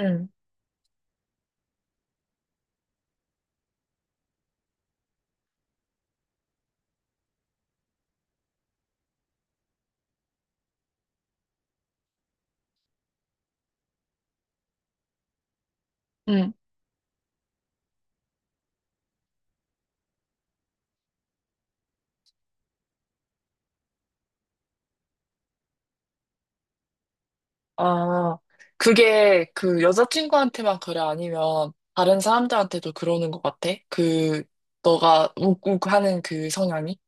응. 응. 아, 그게 그 여자친구한테만 그래? 아니면 다른 사람들한테도 그러는 것 같아? 너가 욱욱하는 그 성향이?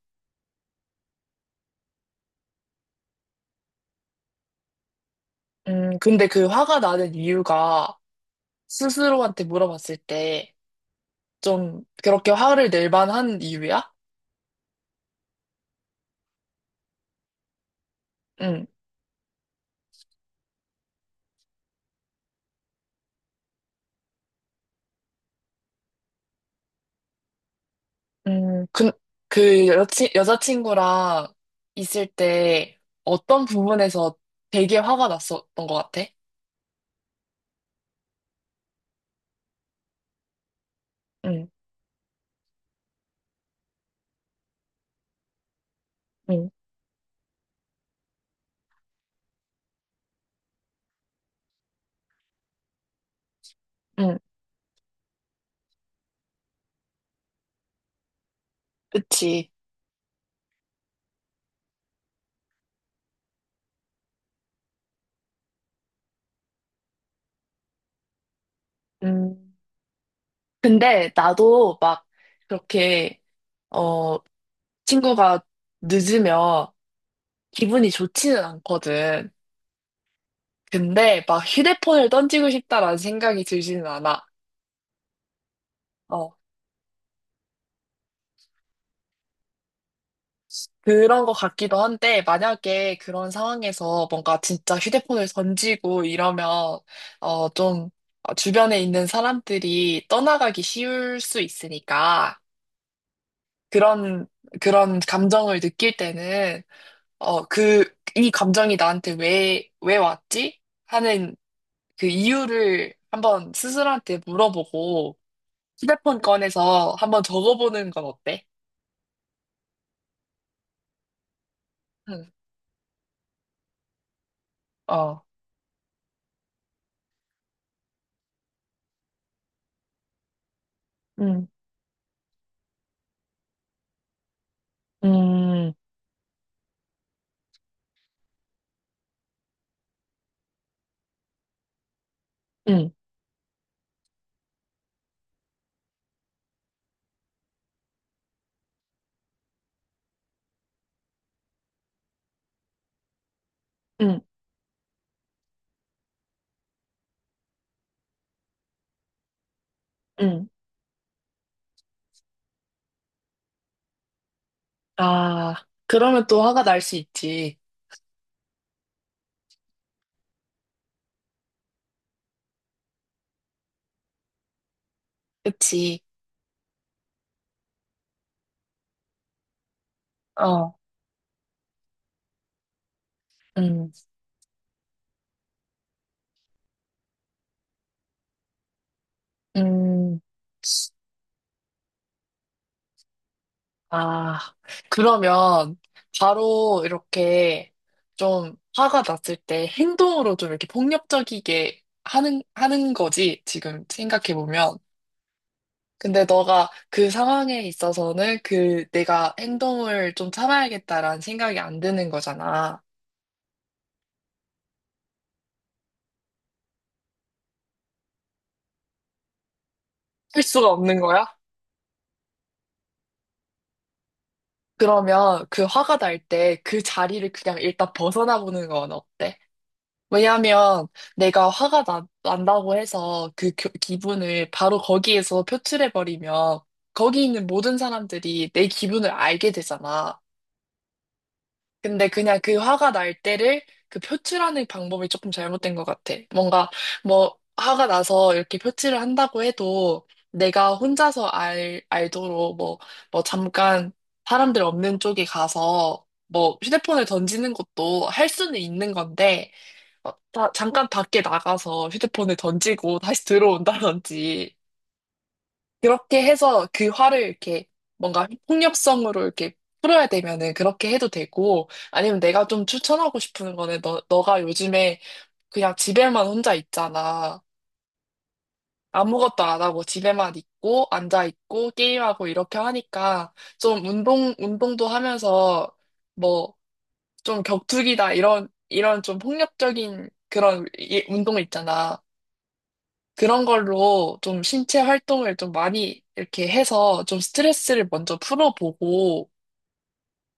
근데 그 화가 나는 이유가 스스로한테 물어봤을 때 좀 그렇게 화를 낼 만한 이유야? 응. 음, 그, 그 여자친구랑 있을 때 어떤 부분에서 되게 화가 났었던 것 같아? 응. 응. 응, 그치. 음. 근데 나도 막 그렇게 어 친구가 늦으면 기분이 좋지는 않거든. 근데 막 휴대폰을 던지고 싶다라는 생각이 들지는 않아. 어, 그런 것 같기도 한데 만약에 그런 상황에서 뭔가 진짜 휴대폰을 던지고 이러면 어좀 주변에 있는 사람들이 떠나가기 쉬울 수 있으니까 그런 그런 감정을 느낄 때는 어, 그, 이 감정이 나한테 왜 왔지? 하는 그 이유를 한번 스스로한테 물어보고 휴대폰 꺼내서 한번 적어보는 건 어때? 응. 어, 음, 음, 음, 음, 음. 아, 그러면 또 화가 날 수 있지. 그치. 어, 음, 음. 아, 그러면 바로 이렇게 좀 화가 났을 때 행동으로 좀 이렇게 폭력적이게 하는 거지, 지금 생각해보면. 근데 너가 그 상황에 있어서는 그 내가 행동을 좀 참아야겠다라는 생각이 안 드는 거잖아. 할 수가 없는 거야? 그러면 그 화가 날 때 그 자리를 그냥 일단 벗어나 보는 건 어때? 왜냐하면 내가 난다고 해서 기분을 바로 거기에서 표출해버리면 거기 있는 모든 사람들이 내 기분을 알게 되잖아. 근데 그냥 그 화가 날 때를 그 표출하는 방법이 조금 잘못된 것 같아. 뭔가 뭐 화가 나서 이렇게 표출을 한다고 해도 내가 혼자서 알도록 뭐, 뭐 잠깐 사람들 없는 쪽에 가서 뭐 휴대폰을 던지는 것도 할 수는 있는 건데 어, 잠깐 밖에 나가서 휴대폰을 던지고 다시 들어온다든지 그렇게 해서 그 화를 이렇게 뭔가 폭력성으로 이렇게 풀어야 되면은 그렇게 해도 되고 아니면 내가 좀 추천하고 싶은 거는 너, 너가 요즘에 그냥 집에만 혼자 있잖아. 아무것도 안 하고 집에만 있고 앉아 있고 게임하고 이렇게 하니까 좀 운동도 하면서 뭐 좀 격투기다 이런 좀 폭력적인 그런 운동 있잖아. 그런 걸로 좀 신체 활동을 좀 많이 이렇게 해서 좀 스트레스를 먼저 풀어보고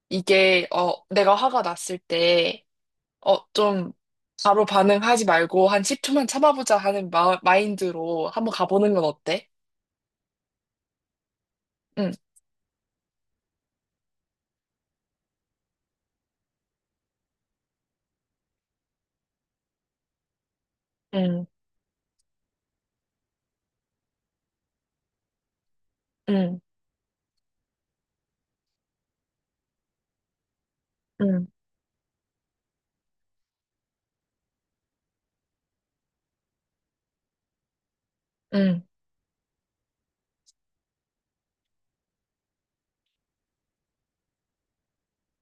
이게 어 내가 화가 났을 때 어 좀 바로 반응하지 말고 한 10초만 참아보자 하는 마인드로 한번 가보는 건 어때? 응, 응, 응, 응, 응,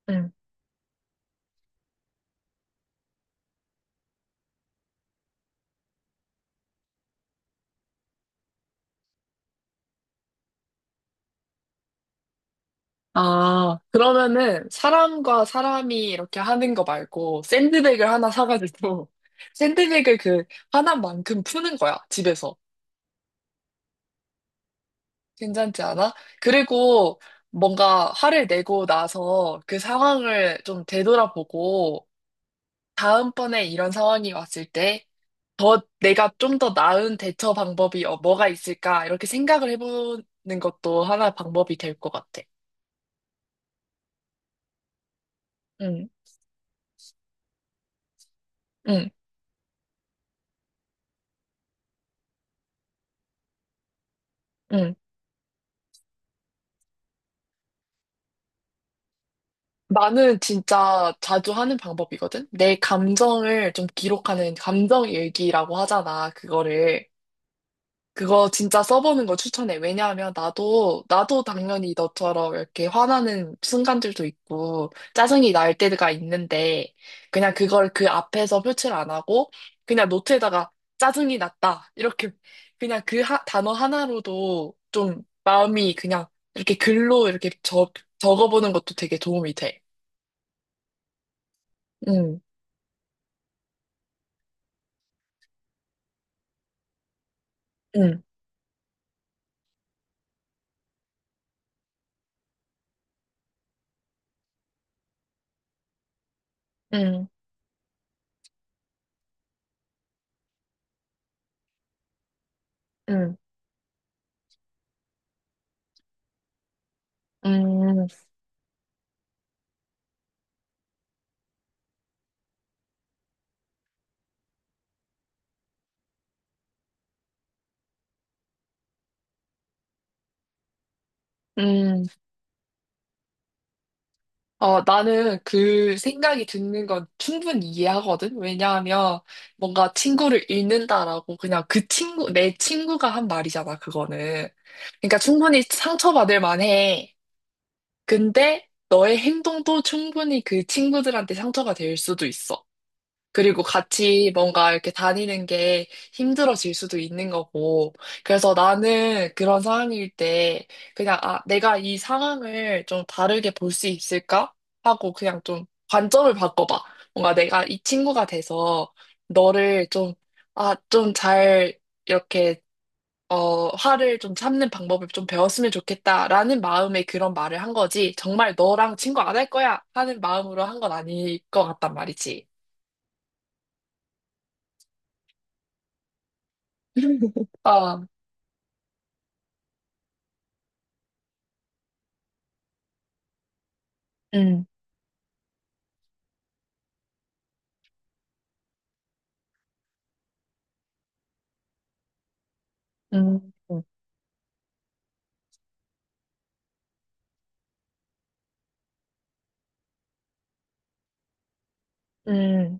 응. 아, 그러면은 사람과 사람이 이렇게 하는 거 말고 샌드백을 하나 사가지고 샌드백을 그 화난 만큼 푸는 거야, 집에서. 괜찮지 않아? 그리고 뭔가 화를 내고 나서 그 상황을 좀 되돌아보고 다음번에 이런 상황이 왔을 때 더 내가 좀 더 나은 대처 방법이 어, 뭐가 있을까? 이렇게 생각을 해보는 것도 하나 방법이 될 것 같아. 응, 응, 응. 나는 진짜 자주 하는 방법이거든? 내 감정을 좀 기록하는 감정 일기라고 하잖아, 그거를. 그거 진짜 써보는 거 추천해. 왜냐하면 나도 당연히 너처럼 이렇게 화나는 순간들도 있고, 짜증이 날 때가 있는데, 그냥 그걸 그 앞에서 표출 안 하고, 그냥 노트에다가 짜증이 났다. 이렇게, 그냥 단어 하나로도 좀 마음이 그냥 이렇게 글로 이렇게 적어보는 것도 되게 도움이 돼. 응, 응, 응, 응, 응, 응. 어, 나는 그 생각이 드는 건 충분히 이해하거든? 왜냐하면 뭔가 친구를 잃는다라고 그냥 내 친구가 한 말이잖아, 그거는. 그러니까 충분히 상처받을 만해. 근데 너의 행동도 충분히 그 친구들한테 상처가 될 수도 있어. 그리고 같이 뭔가 이렇게 다니는 게 힘들어질 수도 있는 거고. 그래서 나는 그런 상황일 때 그냥 아, 내가 이 상황을 좀 다르게 볼 수 있을까? 하고 그냥 좀 관점을 바꿔봐. 뭔가 내가 이 친구가 돼서 너를 좀, 아, 좀 잘 이렇게 어, 화를 좀 참는 방법을 좀 배웠으면 좋겠다라는 마음에 그런 말을 한 거지. 정말 너랑 친구 안 할 거야 하는 마음으로 한 건 아닐 것 같단 말이지. 아, 음, 음, 음,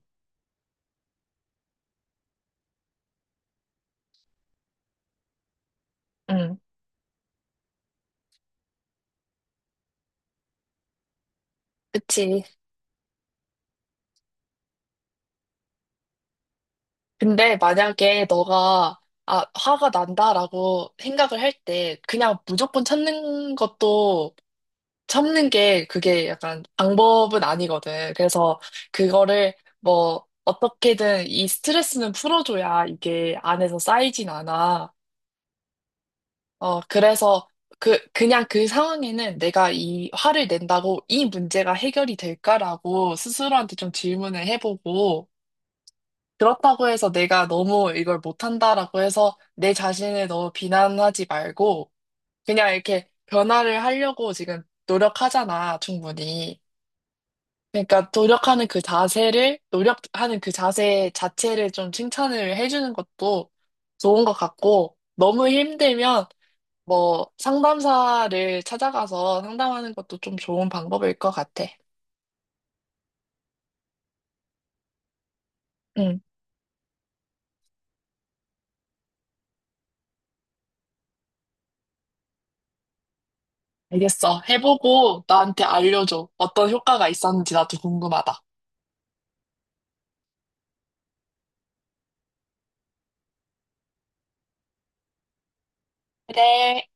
음, 그치. 근데 만약에 아, 화가 난다라고 생각을 할 때, 그냥 무조건 참는 것도, 참는 게 그게 약간 방법은 아니거든. 그래서 그거를 뭐, 어떻게든 이 스트레스는 풀어줘야 이게 안에서 쌓이진 않아. 어, 그래서 그냥 그 상황에는 내가 이 화를 낸다고 이 문제가 해결이 될까라고 스스로한테 좀 질문을 해보고, 그렇다고 해서 내가 너무 이걸 못한다라고 해서 내 자신을 너무 비난하지 말고, 그냥 이렇게 변화를 하려고 지금 노력하잖아, 충분히. 그러니까 노력하는 노력하는 그 자세 자체를 좀 칭찬을 해주는 것도 좋은 것 같고, 너무 힘들면 뭐 상담사를 찾아가서 상담하는 것도 좀 좋은 방법일 것 같아. 응, 알겠어. 해보고 나한테 알려줘. 어떤 효과가 있었는지 나도 궁금하다. 그래.